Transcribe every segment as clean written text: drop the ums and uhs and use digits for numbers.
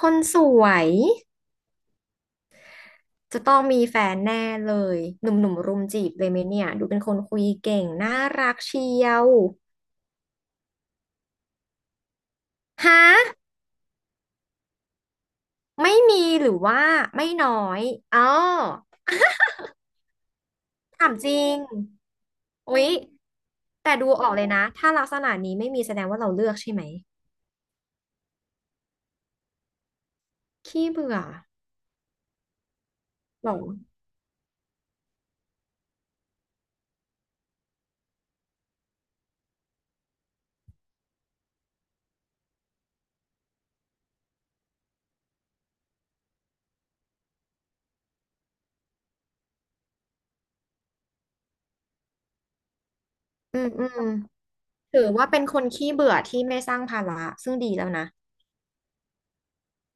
คนสวยจะต้องมีแฟนแน่เลยหนุ่มๆรุมจีบเลยไหมเนี่ยดูเป็นคนคุยเก่งน่ารักเชียวฮะไม่มีหรือว่าไม่น้อยอ๋อถามจริงอุ๊ยแต่ดูออกเลยนะถ้าลักษณะนี้ไม่มีแสดงว่าเราเลือกใช่ไหมขี้เบื่อหรออืมอืมถือว่าเป็นคนขี้เบื่อที่ไม่สร้างภาระซึ่งดีแล้วนะ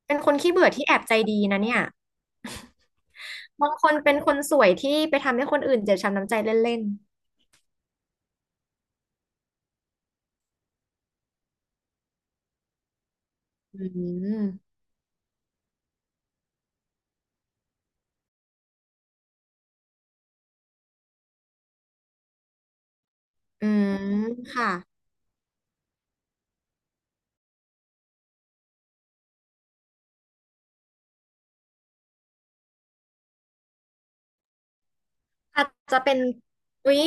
เป็นคนขี้เบื่อที่แอบใจดีนะเนี่ยบางคนเป็นคนสวยที่ไปทำให้คนอื่นเจ็บช้ำน้ำใจเล่น อืมอืมค่ะอาจจะเป็นอุ๊ย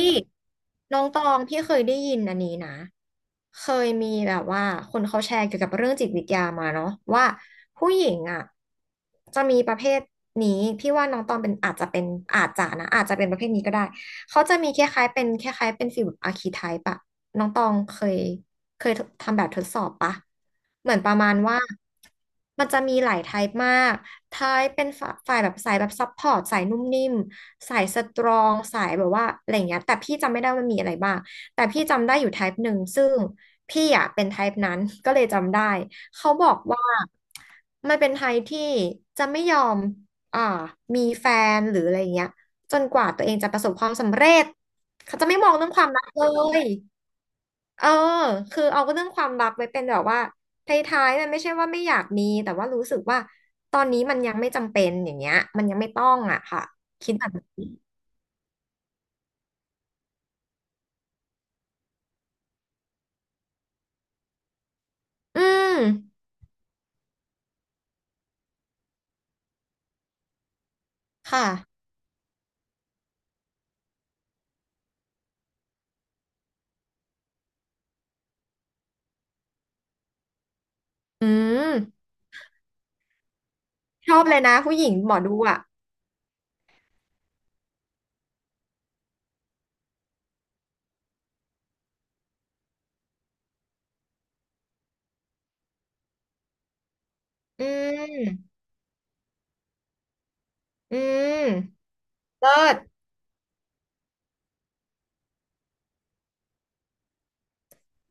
น้องตองพี่เคยได้ยินอันนี้นะ เคยมีแบบว่าคนเขาแชร์เกี่ยวกับเรื่องจิตวิทยามาเนาะว่าผู้หญิงอ่ะจะมีประเภทนี้พี่ว่าน้องตองเป็นอาจจะเป็นอาจจะเป็นประเภทนี้ก็ได้เขาจะมีคล้ายๆเป็นคล้ายๆเป็นฟิลอาร์คีไทป์อะน้องตองเคยทำแบบทดสอบปะเหมือนประมาณว่ามันจะมีหลายไทป์มาก ท้ายเป็นฝ่ายแบบสายแบบซัพพอร์ตสายนุ่มนิ่มสายสตรองสายแบบว่าอะไรอย่างเงี้ยแต่พี่จำไม่ได้ว่ามันมีอะไรบ้างแต่พี่จำได้อยู่ t y ป e หนึ่งซึ่งพี่อ่ะเป็นไทป์นั้น ก็เลยจำได้เขาบอกว่ามันเป็น t ท p e ที่จะไม่ยอมอ่ามีแฟนหรืออะไรอย่างเงี้ยจนกว่าตัวเองจะประสบความสำเร็จเขาจะไม่มองเรื่องความรักเลย เออคือเอาเรื่องความรักไว้เป็นแบบว่าท้ายๆมันไม่ใช่ว่าไม่อยากมีแต่ว่ารู้สึกว่าตอนนี้มันยังไม่จำเป็นอย่างเงี้ยมันยังไม่ต้องอ่ะค่ะคิดแบบนี้อืมค่ะอืมชอบเลยนะผู้หญิงหมอดูอ่ะอืมอืมเลิศ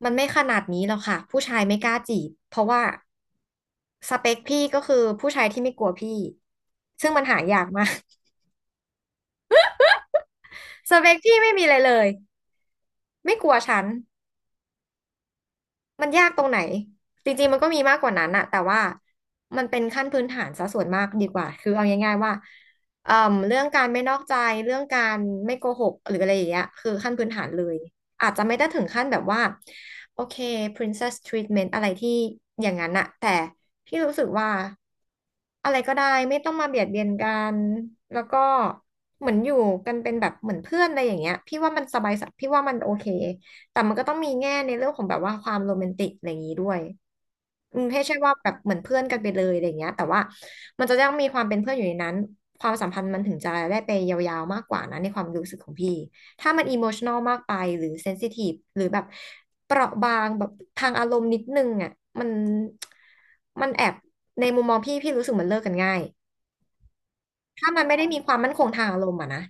มันไม่ขนาดนี้หรอกค่ะผู้ชายไม่กล้าจีบเพราะว่าสเปคพี่ก็คือผู้ชายที่ไม่กลัวพี่ซึ่งมันหายากมาก สเปคพี่ไม่มีอะไรเลยไม่กลัวฉัน มันยากตรงไหนจริงๆมันก็มีมากกว่านั้นอะแต่ว่ามันเป็นขั้นพื้นฐานซะส่วนมากดีกว่าคือเอาง่ายๆว่าเอ่อเรื่องการไม่นอกใจเรื่องการไม่โกหกหรืออะไรอย่างเงี้ยคือขั้นพื้นฐานเลยอาจจะไม่ได้ถึงขั้นแบบว่าโอเค princess treatment อะไรที่อย่างนั้นอะแต่พี่รู้สึกว่าอะไรก็ได้ไม่ต้องมาเบียดเบียนกันแล้วก็เหมือนอยู่กันเป็นแบบเหมือนเพื่อนอะไรอย่างเงี้ยพี่ว่ามันสบายสพี่ว่ามันโอเค แต่มันก็ต้องมีแง่ในเรื่องของแบบว่าความโรแมนติกอะไรอย่างนี้ด้วยอืมให้ใช่ว่าแบบเหมือนเพื่อนกันไปเลยอะไรอย่างเงี้ยแต่ว่ามันจะต้องมีความเป็นเพื่อนอยู่ในนั้นความสัมพันธ์มันถึงจะได้ไปยาวๆมากกว่านะในความรู้สึกของพี่ถ้ามันอิโมชัน a ลมากไปหรือเซนซิทีฟหรือแบบเปราะบางแบบทางอารมณ์นิดนึงอ่ะมันมันแอบในมุมมองพี่พี่รู้สึกมันเลิกกันง่ายถ้ามันไม่ได้มีความมั่นคงทางอารมณ์อ่ะนะ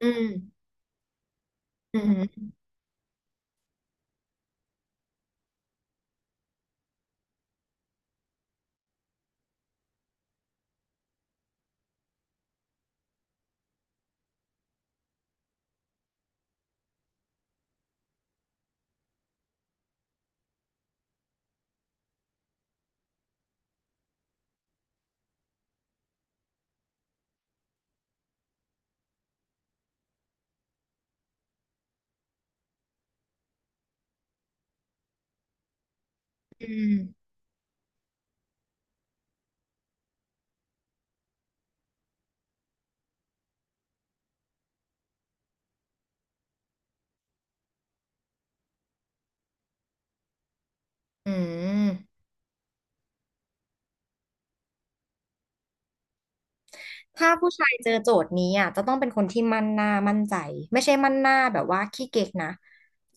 อืมอืมอืมอืม ถ้าผู้ชายเจอโจทย์นี้อ่ะจะต้องเป็นคนที่มั่นหน้ามั่นใจไม่ใช่มั่นหน้าแบบว่าขี้เก๊กนะ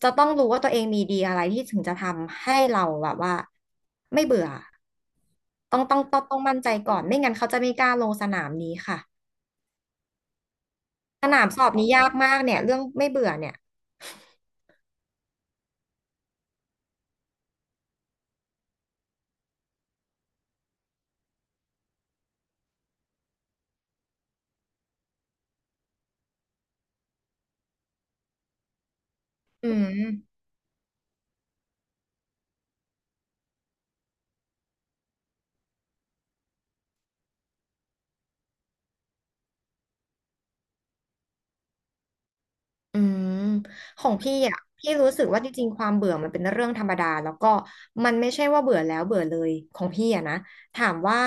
จะต้องรู้ว่าตัวเองมีดีอะไรที่ถึงจะทำให้เราแบบว่าไม่เบื่อต้องมั่นใจก่อนไม่งั้นเขาจะไม่กล้าลงสนามนี้ค่ะสนามสอบนี้ยากมากเนี่ยเรื่องไม่เบื่อเนี่ยอืม อืมของพี่อ่ะพี่รู้สึกว่าจริงๆความเบื่อมันเป็นเรื่องธรรมดาแล้วก็มันไม่ใช่ว่าเบื่อแล้วเบื่อเลยของพี่อ่ะนะถามว่า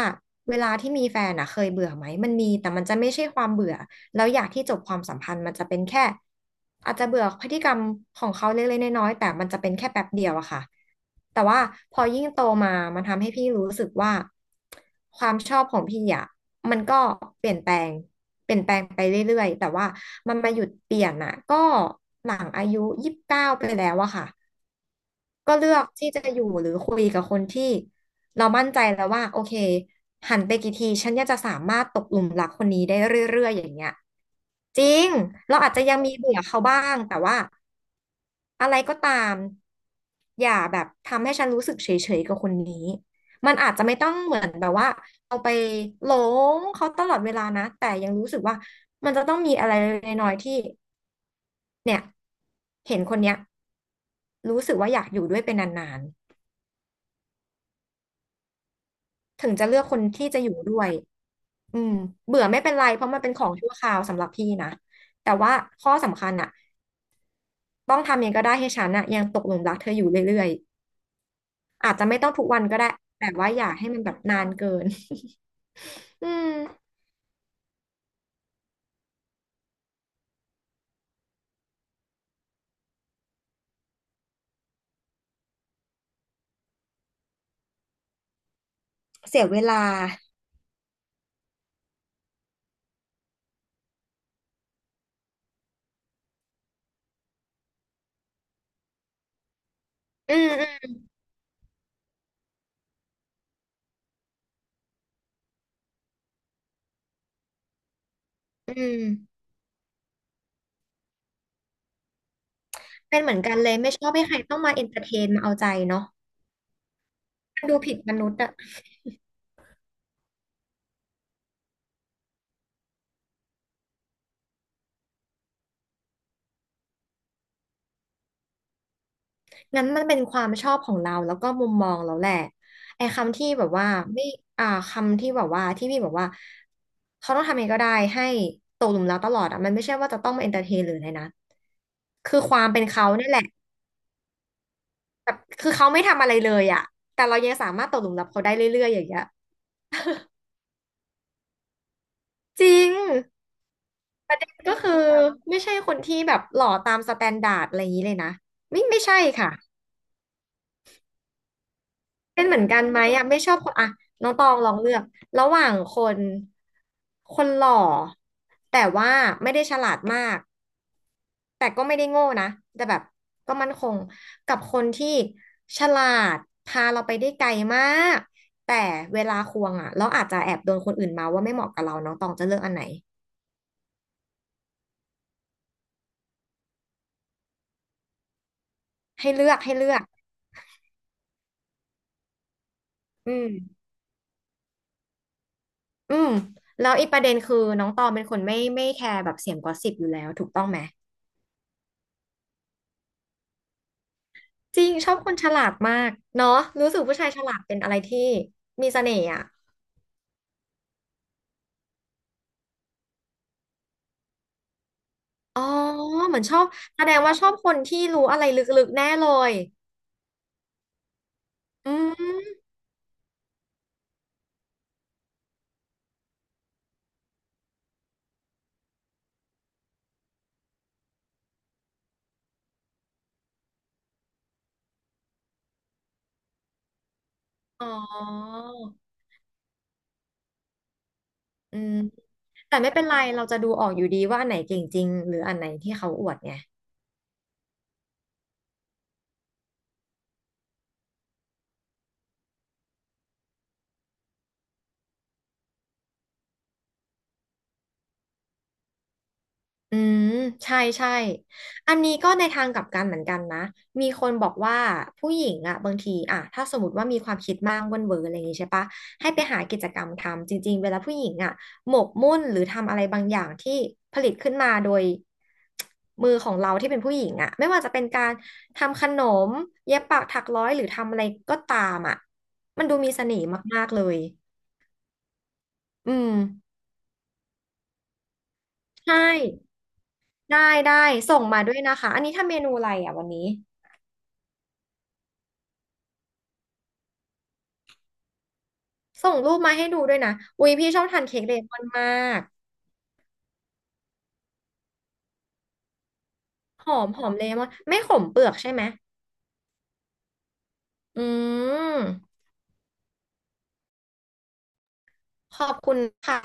เวลาที่มีแฟนอ่ะเคยเบื่อไหมมันมีแต่มันจะไม่ใช่ความเบื่อ แล้วอยากที่จบความสัมพันธ์มันจะเป็นแค่อาจจะเบื่อพฤติกรรมของเขาเล็กๆน้อยๆแต่มันจะเป็นแค่แป๊บเดียวอะค่ะแต่ว่าพอยิ่งโตมามันทำให้พี่รู้สึกว่าความชอบของพี่อะมันก็เปลี่ยนแปลงเปลี่ยนแปลงไปเรื่อยๆแต่ว่ามันมาหยุดเปลี่ยนอะก็หลังอายุ29ไปแล้วอะค่ะ ก็เลือกที่จะอยู่หรือคุยกับคนที่เรามั่นใจแล้วว่าโอเคหันไปกี่ทีฉันเนี่ยจะสามารถตกหลุมรักคนนี้ได้เรื่อยๆอย่างเงี้ยจริงเราอาจจะยังมีเบื่อเขาบ้างแต่ว่าอะไรก็ตามอย่าแบบทำให้ฉันรู้สึกเฉยๆกับคนนี้มันอาจจะไม่ต้องเหมือนแบบว่าเอาไปหลงเขาตลอดเวลานะแต่ยังรู้สึกว่ามันจะต้องมีอะไรเล็กๆน้อยๆที่เนี่ยเห็นคนเนี้ยรู้สึกว่าอยากอยู่ด้วยเป็นนาน ถึงจะเลือกคนที่จะอยู่ด้วยอืมเบื่อไม่เป็นไรเพราะมันเป็นของชั่วคราวสำหรับพี่นะแต่ว่าข้อสำคัญอะต้องทำยังไงก็ได้ให้ฉันอะยังตกหลุมรักเธออยู่เรื่อยๆอาจจะไม่ต้องทุกวันก็ได้แต่ว่าอย่าให้มันแบบนานเกิน อืมเสียเวลาอืมอืมอืมเป็นเหมือนกันเลยไม่ชอบให้ใครต้องมาเอนเตอร์เทนมาเอาใจเนาะมันดูผิดมนุษย์อะ งั้นมันเป็นความชอบของเราแล้วก็มุมมองเราแหละไอ้คำที่แบบว่าไม่คำที่แบบว่าที่พี่บอกว่าเขาต้องทำเองก็ได้ให้ตกหลุมรักตลอดอ่ะมันไม่ใช่ว่าจะต้องมาเอนเตอร์เทนหรืออะไรนะคือความเป็นเขาเนี่ยแหละแบบคือเขาไม่ทำอะไรเลยอ่ะแต่เรายังสามารถตกหลุมรักเขาได้เรื่อยๆอย่างเงี้ยจริงประเด็นก็คือไม่ใช่คนที่แบบหล่อตามสแตนดาร์ดอะไรอย่างนี้เลยนะไม่ใช่ค่ะ เป็นเหมือนกันไหมอ่ะไม่ชอบคนอ่ะน้องตองลองเลือกระหว่างคนคนหล่อแต่ว่าไม่ได้ฉลาดมากแต่ก็ไม่ได้โง่นะแต่แบบก็มั่นคงกับคนที่ฉลาดพาเราไปได้ไกลมากแต่เวลาควงอ่ะเราอาจจะแอบโดนคนอื่นมาว่าไม่เหมาะกับเราน้องตองจะเลือกอันไหนให้เลือกให้เลือกอืมอืมแล้วอีกประเด็นคือน้องตองเป็นคนไม่แคร์แบบเสียงกอสซิปอยู่แล้วถูกต้องไหม จริงชอบคนฉลาดมากเนาะรู้สึกผู้ชายฉลาดเป็นอะไรที่มีเสน่ห์อ่ะอ๋อเหมือนชอบแสดงว่าชอบคนที่รู้อะไรลึกๆแน่เลยอืมอ๋ออืมแต่ไม่เป็นไรเราจะดูออกอยู่ดีว่าอันไหนเก่งจริงหรืออันไหนที่เขาอวดไง อืมใช่ใช่ อันนี้ก็ในทางกลับกันเหมือนกันนะมีคนบอกว่าผู้หญิงอ่ะบางทีอ่ะถ้าสมมติว่ามีความคิดมากเว่นเวออะไรอย่างงี้ใช่ปะให้ไปหากิจกรรมทำจริงๆเวลาผู้หญิงอ่ะหมกมุ่นหรือทำอะไรบางอย่างที่ผลิตขึ้นมาโดยมือของเราที่เป็นผู้หญิงอ่ะไม่ว่าจะเป็นการทำขนมเย็บปักถักร้อยหรือทำอะไรก็ตามอ่ะมันดูมีเสน่ห์มากๆเลยอืมใช่ได้ได้ส่งมาด้วยนะคะอันนี้ทำเมนูอะไรอ่ะวันนี้ ส่งรูปมาให้ดูด้วยนะอุ้ยพี่ชอบทานเค้กเลมอนมากหอมหอมเลมอนไม่ขมเปลือกใช่ไหมอืมขอบคุณค่ะ